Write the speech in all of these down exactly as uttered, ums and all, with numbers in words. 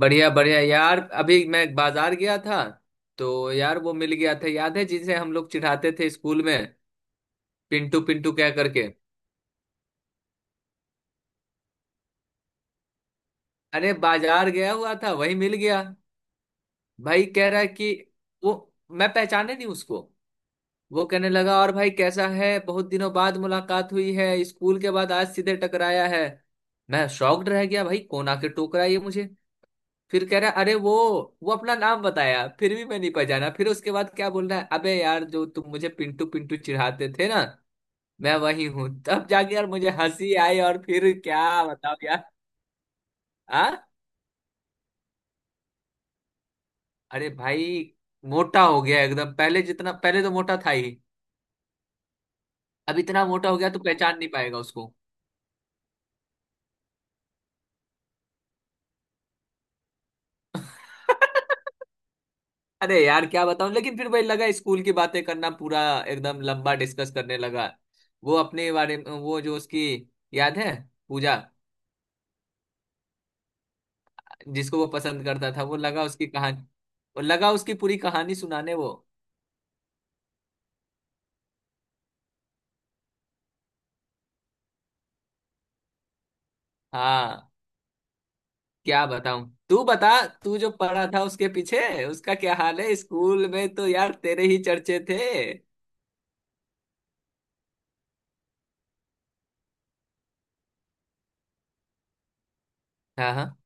बढ़िया बढ़िया यार, अभी मैं बाजार गया था। तो यार वो मिल गया था, याद है जिसे हम लोग चिढ़ाते थे स्कूल में, पिंटू पिंटू क्या करके। अरे बाजार गया हुआ था, वही मिल गया। भाई कह रहा है कि वो मैं पहचाने नहीं उसको। वो कहने लगा और भाई कैसा है, बहुत दिनों बाद मुलाकात हुई है, स्कूल के बाद आज सीधे टकराया है। मैं शॉक्ड रह गया, भाई कौन आके टोकरा ये मुझे। फिर कह रहा, अरे वो वो अपना नाम बताया, फिर भी मैं नहीं पहचाना। फिर उसके बाद क्या बोल रहा है, अबे यार जो तुम मुझे पिंटू पिंटू चिढ़ाते थे ना, मैं वही हूँ। तब जाके यार मुझे हंसी आई। और फिर क्या बताओ यार। आ? अरे भाई, मोटा हो गया एकदम। पहले जितना पहले तो मोटा था ही, अब इतना मोटा हो गया तो पहचान नहीं पाएगा उसको। अरे यार क्या बताऊं, लेकिन फिर वही लगा, स्कूल की बातें करना पूरा एकदम लंबा डिस्कस करने लगा। वो अपने बारे में, वो जो उसकी, याद है, पूजा, जिसको वो पसंद करता था, वो लगा उसकी कहानी। वो लगा उसकी पूरी कहानी सुनाने वो। हाँ, क्या बताऊं, तू बता। तू जो पढ़ा था उसके पीछे उसका क्या हाल है, स्कूल में तो यार तेरे ही चर्चे थे। हाँ, हाँ।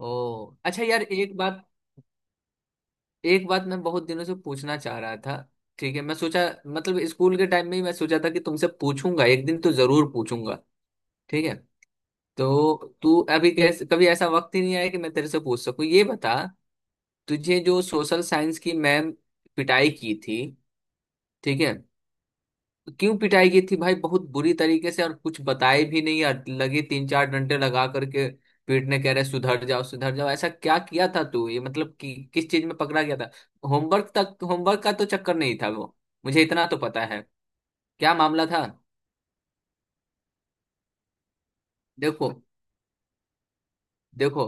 ओ अच्छा यार, एक बात, एक बात मैं बहुत दिनों से पूछना चाह रहा था, ठीक है, मैं सोचा, मतलब स्कूल के टाइम में ही मैं सोचा था कि तुमसे पूछूंगा, एक दिन तो जरूर पूछूंगा, ठीक है। तो तू अभी कैसे, कभी ऐसा वक्त ही नहीं आया कि मैं तेरे से पूछ सकूं, ये बता। तुझे जो सोशल साइंस की मैम पिटाई की थी, ठीक है, क्यों पिटाई की थी भाई, बहुत बुरी तरीके से, और कुछ बताए भी नहीं यार, लगे तीन चार डंडे लगा करके पीटने, कह रहे सुधर जाओ सुधर जाओ, ऐसा क्या किया था तू ये, मतलब कि किस चीज में पकड़ा गया था? होमवर्क तक होमवर्क का तो चक्कर नहीं था वो, मुझे इतना तो पता है। क्या मामला था? देखो, देखो,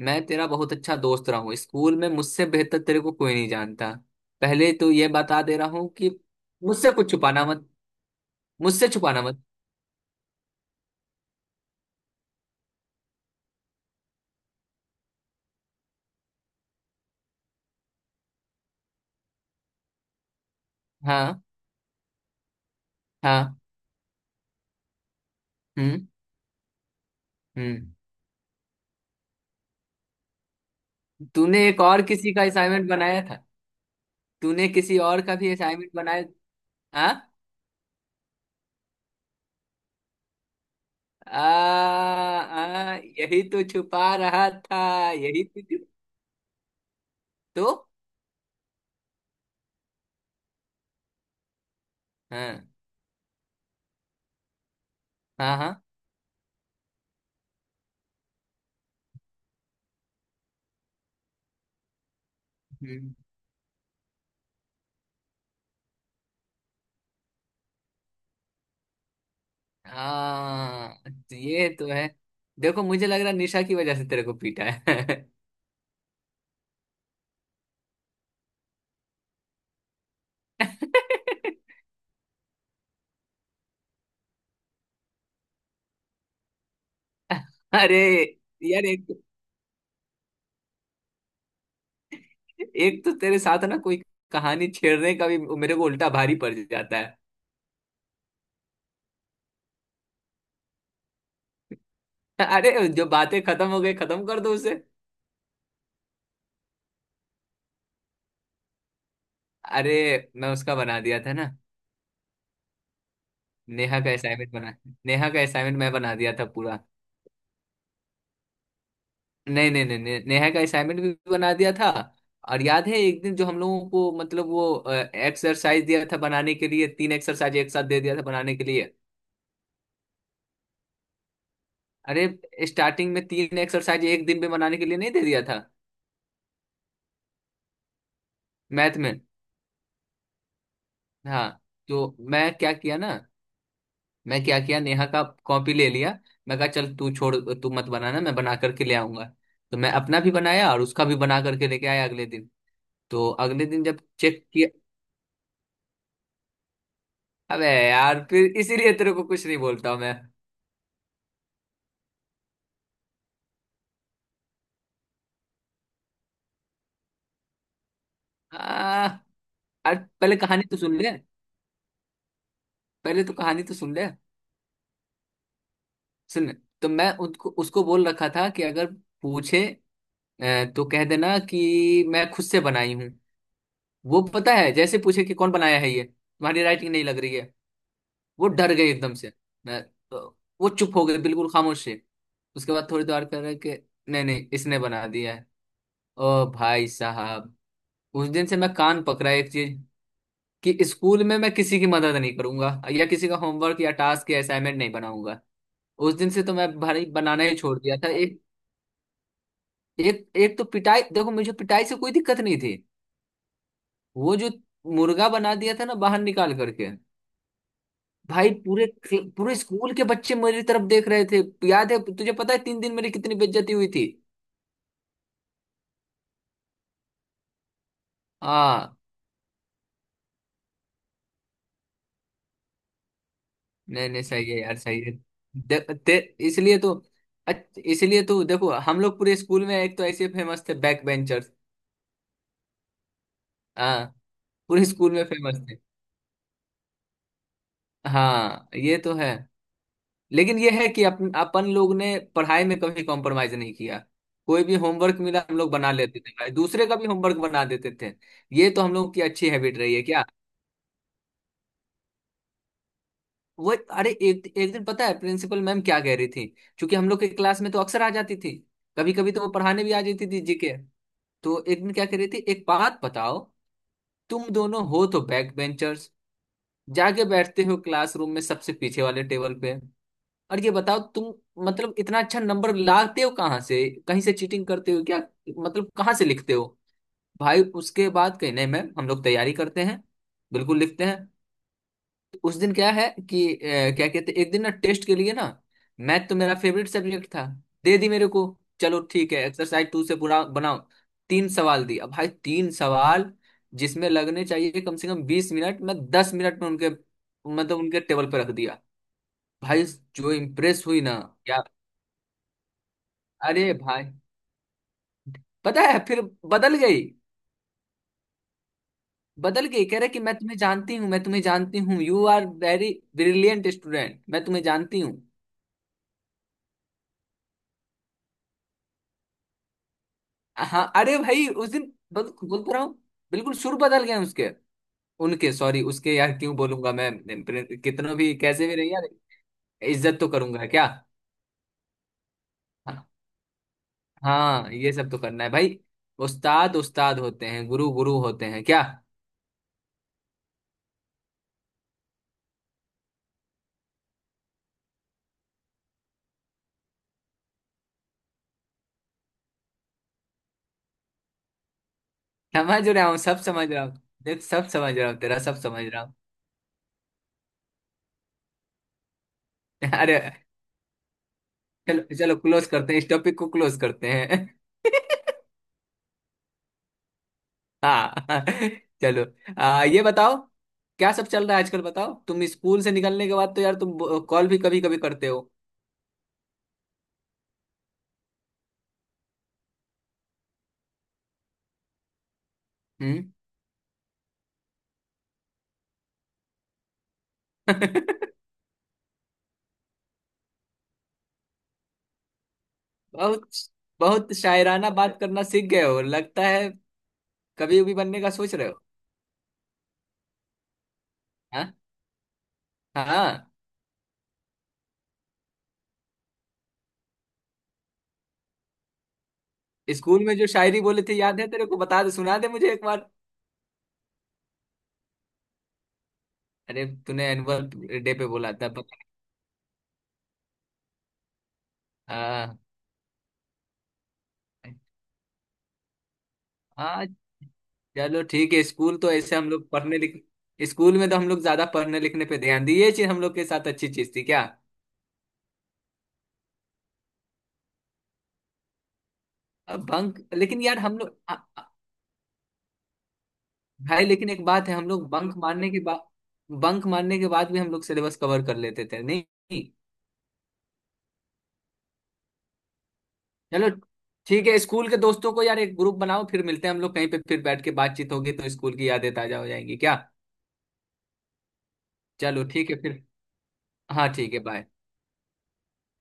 मैं तेरा बहुत अच्छा दोस्त रहा हूँ स्कूल में, मुझसे बेहतर तेरे को कोई नहीं जानता। पहले तो ये बता दे रहा हूँ कि मुझसे कुछ छुपाना मत, मुझसे छुपाना मत। हाँ, हाँ। हम्म, हम्म। तूने एक और किसी का असाइनमेंट बनाया था? तूने किसी और का भी असाइनमेंट बनाया? हाँ। आ, आ, यही तो छुपा रहा था, यही तो छु- तो, हाँ, हाँ, हाँ, हम्म, हाँ, तो ये तो है। देखो मुझे लग रहा है निशा की वजह से तेरे को पीटा है। अरे यार, एक, एक तो तेरे साथ ना कोई कहानी छेड़ने का भी मेरे को उल्टा भारी पड़ जाता है। अरे जो बातें खत्म हो गई, खत्म कर दो उसे। अरे मैं उसका बना दिया था ना, नेहा का असाइनमेंट बना नेहा का असाइनमेंट मैं बना दिया था पूरा। नहीं, नहीं, नहीं, नहीं, नेहा का असाइनमेंट भी बना दिया था। और याद है एक दिन जो हम लोगों को, मतलब वो एक्सरसाइज दिया था बनाने के लिए, तीन एक्सरसाइज एक साथ दे दिया था बनाने के लिए। अरे स्टार्टिंग में तीन एक्सरसाइज एक दिन में बनाने के लिए नहीं दे दिया था? मैथ में। हाँ। तो मैं क्या किया ना मैं क्या किया, नेहा का कॉपी ले लिया। मैं कहा चल तू छोड़, तू मत बनाना, मैं बना करके ले आऊंगा। तो मैं अपना भी बनाया और उसका भी बना करके लेके आया अगले दिन। तो अगले दिन जब चेक किया, अबे यार, फिर इसीलिए तेरे को कुछ नहीं बोलता हूं मैं। आ, अरे पहले कहानी तो सुन ले, पहले तो कहानी तो सुन ले। सुन, तो मैं उसको उसको बोल रखा था कि अगर पूछे अ, तो कह देना कि मैं खुद से बनाई हूँ। वो, पता है, जैसे पूछे कि कौन बनाया है, ये तुम्हारी राइटिंग नहीं लग रही है, वो डर गए एकदम से। मैं तो वो चुप हो गए, बिल्कुल खामोश है। उसके बाद थोड़ी देर कर रहे कि नहीं, नहीं, इसने बना दिया है। ओ भाई साहब, उस दिन से मैं कान पकड़ा एक चीज, कि स्कूल में मैं किसी की मदद नहीं करूंगा, या किसी का होमवर्क या टास्क या असाइनमेंट नहीं बनाऊंगा। उस दिन से तो मैं भाई बनाना ही छोड़ दिया था। एक एक एक तो पिटाई, देखो, मुझे पिटाई से कोई दिक्कत नहीं थी, वो जो मुर्गा बना दिया था ना बाहर निकाल करके, भाई पूरे क्ल- पूरे स्कूल के बच्चे मेरी तरफ देख रहे थे। याद है तुझे, पता है तीन दिन मेरी कितनी बेइज्जती हुई थी। हाँ, नहीं, नहीं, सही है यार, सही है। दे, ते, इसलिए तो, अच्छ- इसलिए तो देखो, हम लोग पूरे स्कूल में एक तो ऐसे फेमस थे, बैक बेंचर्स। हाँ। पूरे स्कूल में फेमस थे। हाँ, ये तो है। लेकिन ये है कि अपन अपन लोग ने पढ़ाई में कभी कॉम्प्रोमाइज नहीं किया। कोई भी होमवर्क मिला, हम लोग बना लेते थे भाई, दूसरे का भी होमवर्क बना देते थे। ये तो हम लोग की अच्छी हैबिट रही है क्या। वो अरे एक एक दिन पता है प्रिंसिपल मैम क्या कह रही थी, क्योंकि हम लोग के क्लास में तो अक्सर आ जाती थी, कभी कभी तो वो पढ़ाने भी आ जाती थी जीके। तो एक दिन क्या कह रही थी, एक बात बताओ, तुम दोनों हो तो बैक बेंचर्स, जाके बैठते हो क्लासरूम में सबसे पीछे वाले टेबल पे, और ये बताओ तुम, मतलब इतना अच्छा नंबर लाते हो कहाँ से, कहीं से चीटिंग करते हो क्या, मतलब कहाँ से लिखते हो? भाई उसके बाद, कहीं नहीं मैम, हम लोग तैयारी करते हैं, बिल्कुल लिखते हैं। उस दिन क्या है कि अ, क्या कहते, एक दिन ना टेस्ट के लिए ना, मैथ तो मेरा फेवरेट सब्जेक्ट था, दे दी मेरे को। चलो ठीक है, एक्सरसाइज टू से पूरा बनाओ। तीन सवाल दी। अब भाई तीन सवाल, जिसमें लगने चाहिए कम से कम बीस मिनट, मैं दस मिनट में उनके, मतलब उनके टेबल पे रख दिया। भाई, जो इम्प्रेस हुई ना, क्या। अरे भाई, पता है फिर बदल गई। बदल गई, कह रहे कि मैं तुम्हें जानती हूँ, मैं तुम्हें जानती हूँ, you are very brilliant student, मैं तुम्हें जानती हूँ। हाँ, अरे भाई उस दिन, बोल बोल तो रहा हूँ, बिल्कुल सुर बदल गए उसके, उनके, सॉरी उसके, यार क्यों बोलूंगा मैं प्रे- कितना भी कैसे भी रही यार, इज्जत तो करूंगा क्या। हाँ, हाँ, ये सब तो करना है भाई। उस्ताद उस्ताद होते हैं, गुरु गुरु होते हैं क्या। समझ रहा हूँ, सब समझ रहा हूँ। देख, सब समझ रहा हूँ तेरा, सब समझ रहा हूँ। अरे, चलो चलो, क्लोज करते हैं, इस टॉपिक को क्लोज करते हैं। हाँ। चलो, आ, ये बताओ, क्या सब चल रहा है आजकल, बताओ। तुम स्कूल से निकलने के बाद तो यार, तुम कॉल भी कभी कभी करते हो। हम्म। बहुत बहुत शायराना बात करना सीख गए हो लगता है। कभी भी बनने का सोच रहे हो? हाँ। हाँ। स्कूल में जो शायरी बोले थे, याद है तेरे को, बता दे, सुना दे मुझे एक बार। अरे तूने एनुअल डे पे बोला था पता- हाँ। हाँ। चलो ठीक है, स्कूल तो ऐसे हम लोग पढ़ने लिख, स्कूल में तो हम लोग ज्यादा पढ़ने लिखने पे ध्यान दिए, ये चीज हम लोग के साथ अच्छी चीज थी क्या। अब बंक, लेकिन यार हम लोग आ- आ- भाई लेकिन एक बात है, हम लोग बंक मारने के बाद बंक मारने के बाद भी हम लोग सिलेबस कवर कर लेते थे, नहीं? नहीं। चलो ठीक है, स्कूल के दोस्तों को यार एक ग्रुप बनाओ, फिर मिलते हैं हम लोग कहीं पे, फिर बैठ के बातचीत होगी तो स्कूल की यादें ताजा हो जाएंगी क्या। चलो, ठीक है फिर। हाँ, ठीक है, बाय।